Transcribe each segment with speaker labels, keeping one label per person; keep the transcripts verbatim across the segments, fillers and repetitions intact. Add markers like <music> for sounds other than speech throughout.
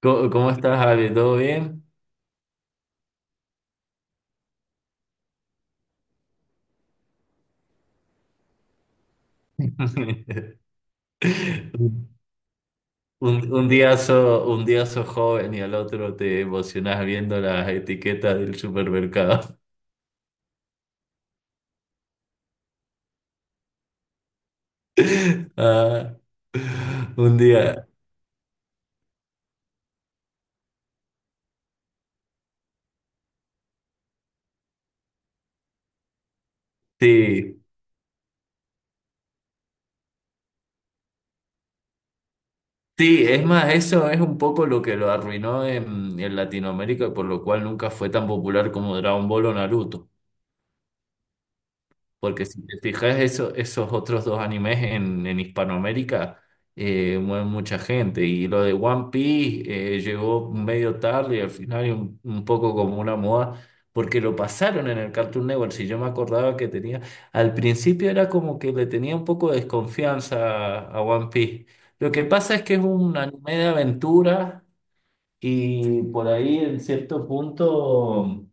Speaker 1: ¿Cómo, cómo estás, Ale? ¿Todo bien? <laughs> Un, un día sos, un día sos joven y al otro te emocionás viendo las etiquetas del supermercado. <laughs> Ah, un día, sí. Sí, es más, eso es un poco lo que lo arruinó en, en Latinoamérica, por lo cual nunca fue tan popular como Dragon Ball o Naruto. Porque si te fijas, eso, esos otros dos animes en, en Hispanoamérica eh, mueven mucha gente. Y lo de One Piece eh, llegó medio tarde y al final y un, un poco como una moda, porque lo pasaron en el Cartoon Network. Si yo me acordaba que tenía, al principio era como que le tenía un poco de desconfianza a, a One Piece. Lo que pasa es que es un anime de aventura y por ahí en cierto punto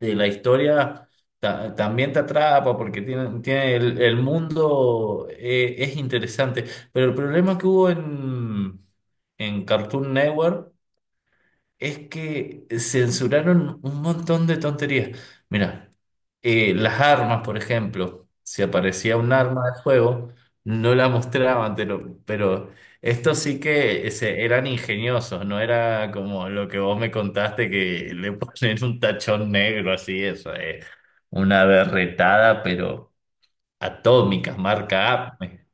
Speaker 1: de la historia ta- también te atrapa porque tiene, tiene el, el mundo eh, es interesante. Pero el problema que hubo en, en Cartoon Network es que censuraron un montón de tonterías. Mira. Eh, las armas, por ejemplo, si aparecía un arma de fuego no la mostraban, pero, pero esto sí que se- eran ingeniosos, no era como lo que vos me contaste que le <laughs> ponen un tachón negro así, eso, eh, una berretada, pero atómica, marca A P M E.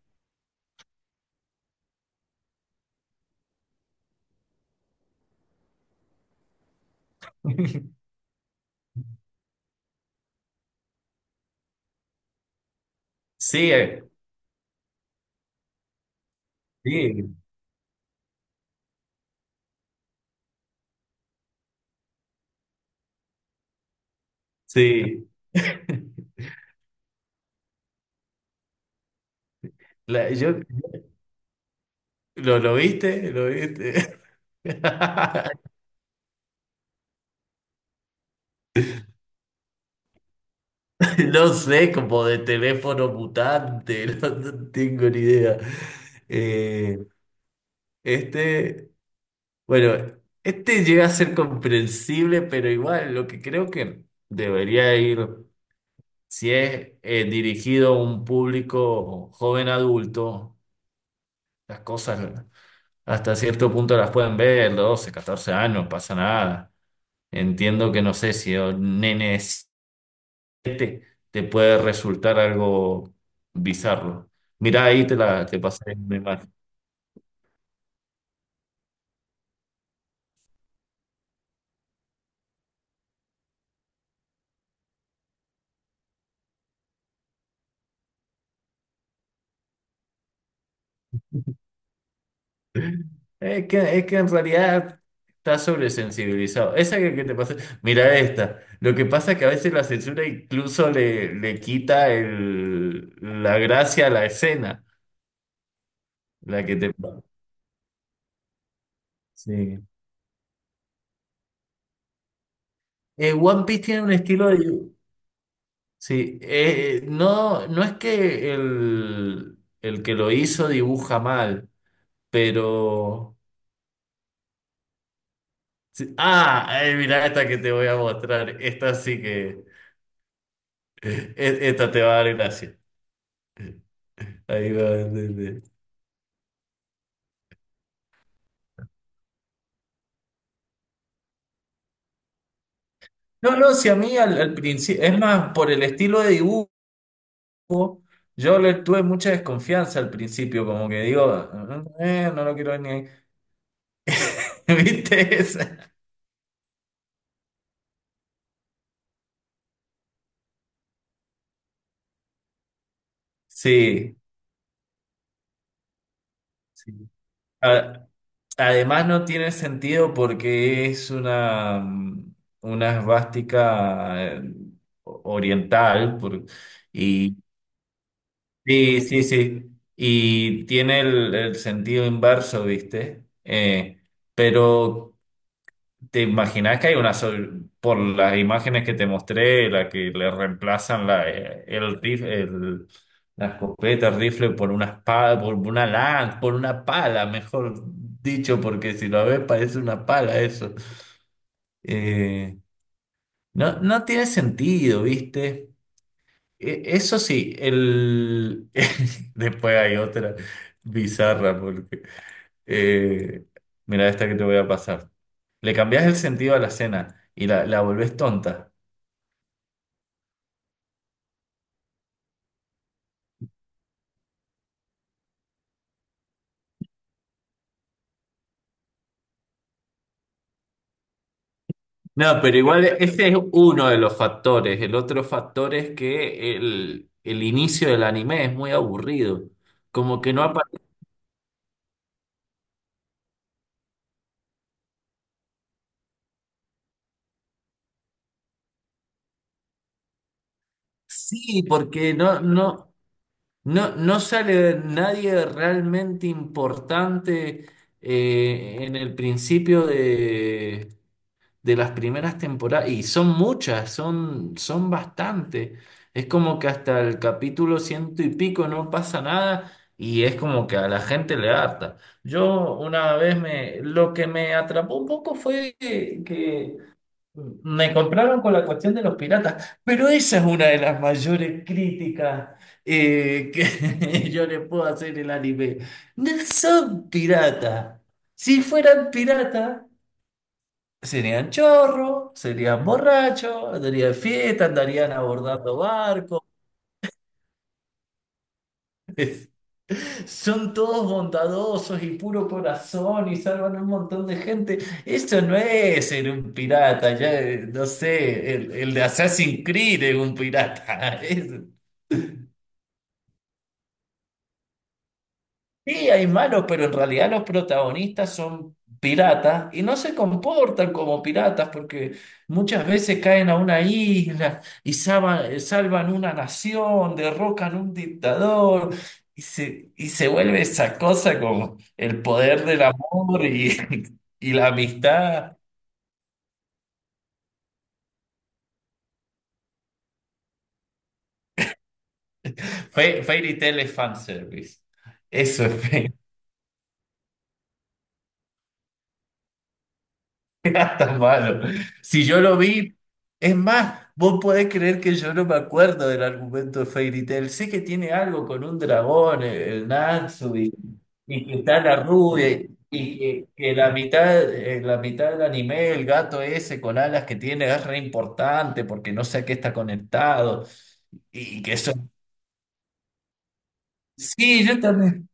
Speaker 1: Sí, eh, sí, sí. <laughs> La- yo, ¿lo, lo viste? ¿Lo viste? <laughs> <laughs> No sé, como de teléfono mutante, <laughs> no, no tengo ni idea. Eh, este, bueno, este llega a ser comprensible, pero igual lo que creo que debería ir, si es eh, dirigido a un público joven adulto, las cosas hasta cierto punto las pueden ver, doce, catorce años, no pasa nada. Entiendo que no sé si un nene te, te puede resultar algo bizarro. Mira, ahí te la te pasé una imagen. Es que, es que en realidad estás sobresensibilizado. Esa que, que te pasé, mira esta. Lo que pasa es que a veces la censura incluso le, le quita el, la gracia a la escena, la que te... Sí. Eh, One Piece tiene un estilo de... Sí, eh, eh, no, no es que el, el que lo hizo dibuja mal, pero... Sí. Ah, ay, mira esta que te voy a mostrar. Esta sí que. e- Esta te va a dar gracia. Ahí va a entender. No, no, si a mí al principio. Es más, por el estilo de dibujo, yo le tuve mucha desconfianza al principio. Como que digo: "Ah, "Eh, no lo quiero ver ni ahí". <laughs> ¿Viste esa? Sí. Sí. A- Además, no tiene sentido porque es una. Una esvástica eh, oriental. por- y Sí, sí, sí. Y tiene el, el sentido inverso, ¿viste? Eh, pero te imaginas que hay una sol- por las imágenes que te mostré, la que le reemplazan la, eh, el rif- el- la escopeta, el rifle por una espada, por una lanza, por una pala, mejor dicho, porque si lo ves parece una pala eso. Eh, no, no tiene sentido, ¿viste? E- Eso sí, el... <laughs> después hay otra bizarra porque... eh, mira esta que te voy a pasar. Le cambias el sentido a la cena y la, la volvés tonta. No, pero igual ese es uno de los factores. El otro factor es que el, el inicio del anime es muy aburrido. Como que no aparece. Sí, porque no, no, no, no sale nadie realmente importante eh, en el principio de las primeras temporadas, y son muchas, son, son bastante. Es como que hasta el capítulo ciento y pico no pasa nada y es como que a la gente le harta. Yo una vez me, lo que me atrapó un poco fue que, que me compraron con la cuestión de los piratas, pero esa es una de las mayores críticas. eh, que <laughs> yo le puedo hacer el anime. No son piratas. Si fueran piratas, serían chorros, serían borrachos, andarían fiesta, andarían abordando barcos. <laughs> Son todos bondadosos y puro corazón y salvan a un montón de gente. Eso no es ser un pirata, ya eh, no sé, el, el de Assassin's Creed es un pirata. <laughs> Es- Sí, hay malos, pero en realidad los protagonistas son piratas y no se comportan como piratas porque muchas veces caen a una isla y salva- eh, salvan, una nación, derrocan un dictador y se, y se vuelve esa cosa como el poder del amor y, <laughs> y la amistad. Fa- Fairy Tail es fanservice. Eso es. <laughs> Tan malo. Si yo lo vi, es más, vos podés creer que yo no me acuerdo del argumento de Fairy Tail. Sé que tiene algo con un dragón, el, el Natsu, y, y que está la rubia, y y que, que la mitad, en la mitad del anime, el gato ese con alas que tiene es re importante porque no sé a qué está conectado. Y que eso. Sí, yo también.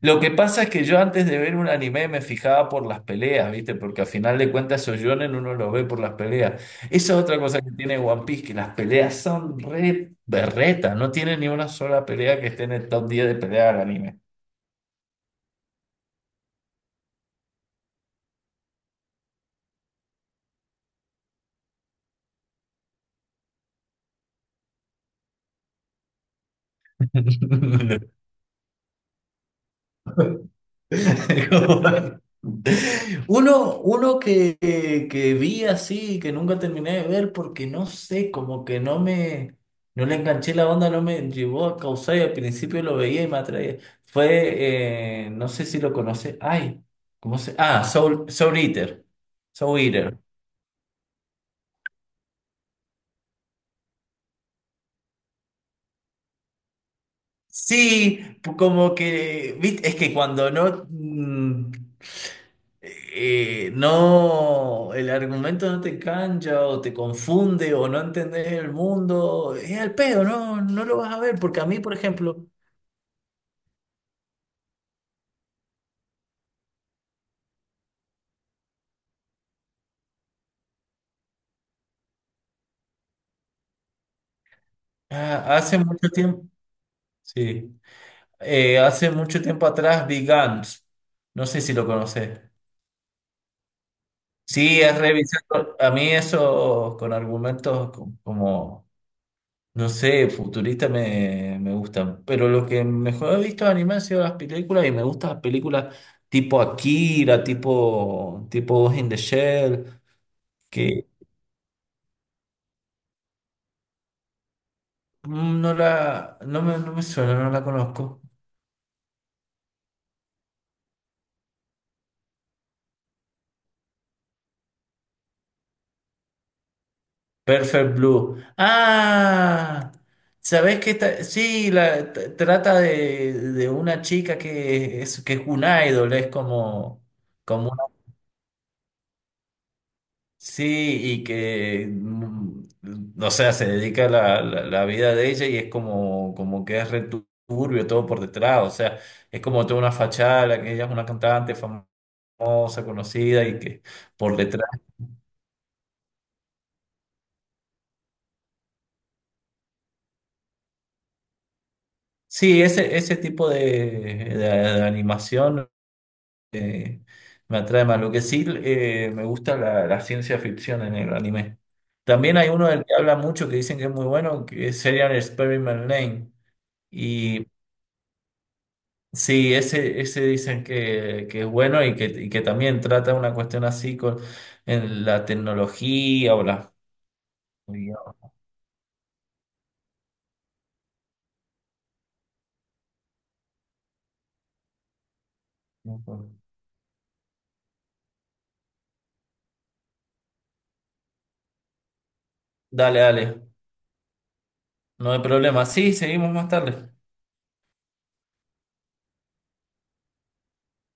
Speaker 1: Lo que pasa es que yo antes de ver un anime me fijaba por las peleas, ¿viste? Porque al final de cuentas esos shonen uno lo ve por las peleas. Esa es otra cosa que tiene One Piece, que las peleas son re berretas, no tiene ni una sola pelea que esté en el top diez de peleas del anime. <laughs> Uno, uno que, que, que vi así, que nunca terminé de ver porque no sé, como que no me, no le enganché la onda, no me llevó a causar y al principio lo veía y me atraía. Fue, eh, no sé si lo conoce, ay, ¿cómo se? Ah, Soul, Soul Eater. Soul Eater. Sí, p- como que, vit- es que cuando no, mm, eh, no, el argumento no te cancha o te confunde o no entendés el mundo, es al pedo, no, no lo vas a ver, porque a mí, por ejemplo, ah, hace mucho tiempo, sí, eh, hace mucho tiempo atrás vi Gantz, no sé si lo conoces. Sí, es revisar, a mí eso con argumentos co- como... No sé, futurista me, me gustan, pero lo que mejor he visto de anime han sido las películas y me gustan las películas tipo Akira, tipo, tipo Ghost in the Shell, que mm, no la, no me, no me suena, no la conozco. Perfect Blue. Ah, ¿sabés qué? ta- Sí, la, t- trata de, de una chica que es, que es un idol, es como... Sí, y que, mm, o sea, se dedica a la, la, la vida de ella y es como, como que es returbio todo por detrás, o sea, es como toda una fachada, la que ella es una cantante famosa, conocida y que por detrás. Sí, ese, ese tipo de, de- de animación eh, me atrae más. Lo que sí eh, me gusta la, la ciencia ficción en el anime. También hay uno del que habla mucho que dicen que es muy bueno, que es Serial Experiment Lane. Y sí, ese, ese dicen que, que es bueno y que, y que también trata una cuestión así con en la tecnología o la... Dale, dale, no hay problema. Sí, seguimos más tarde.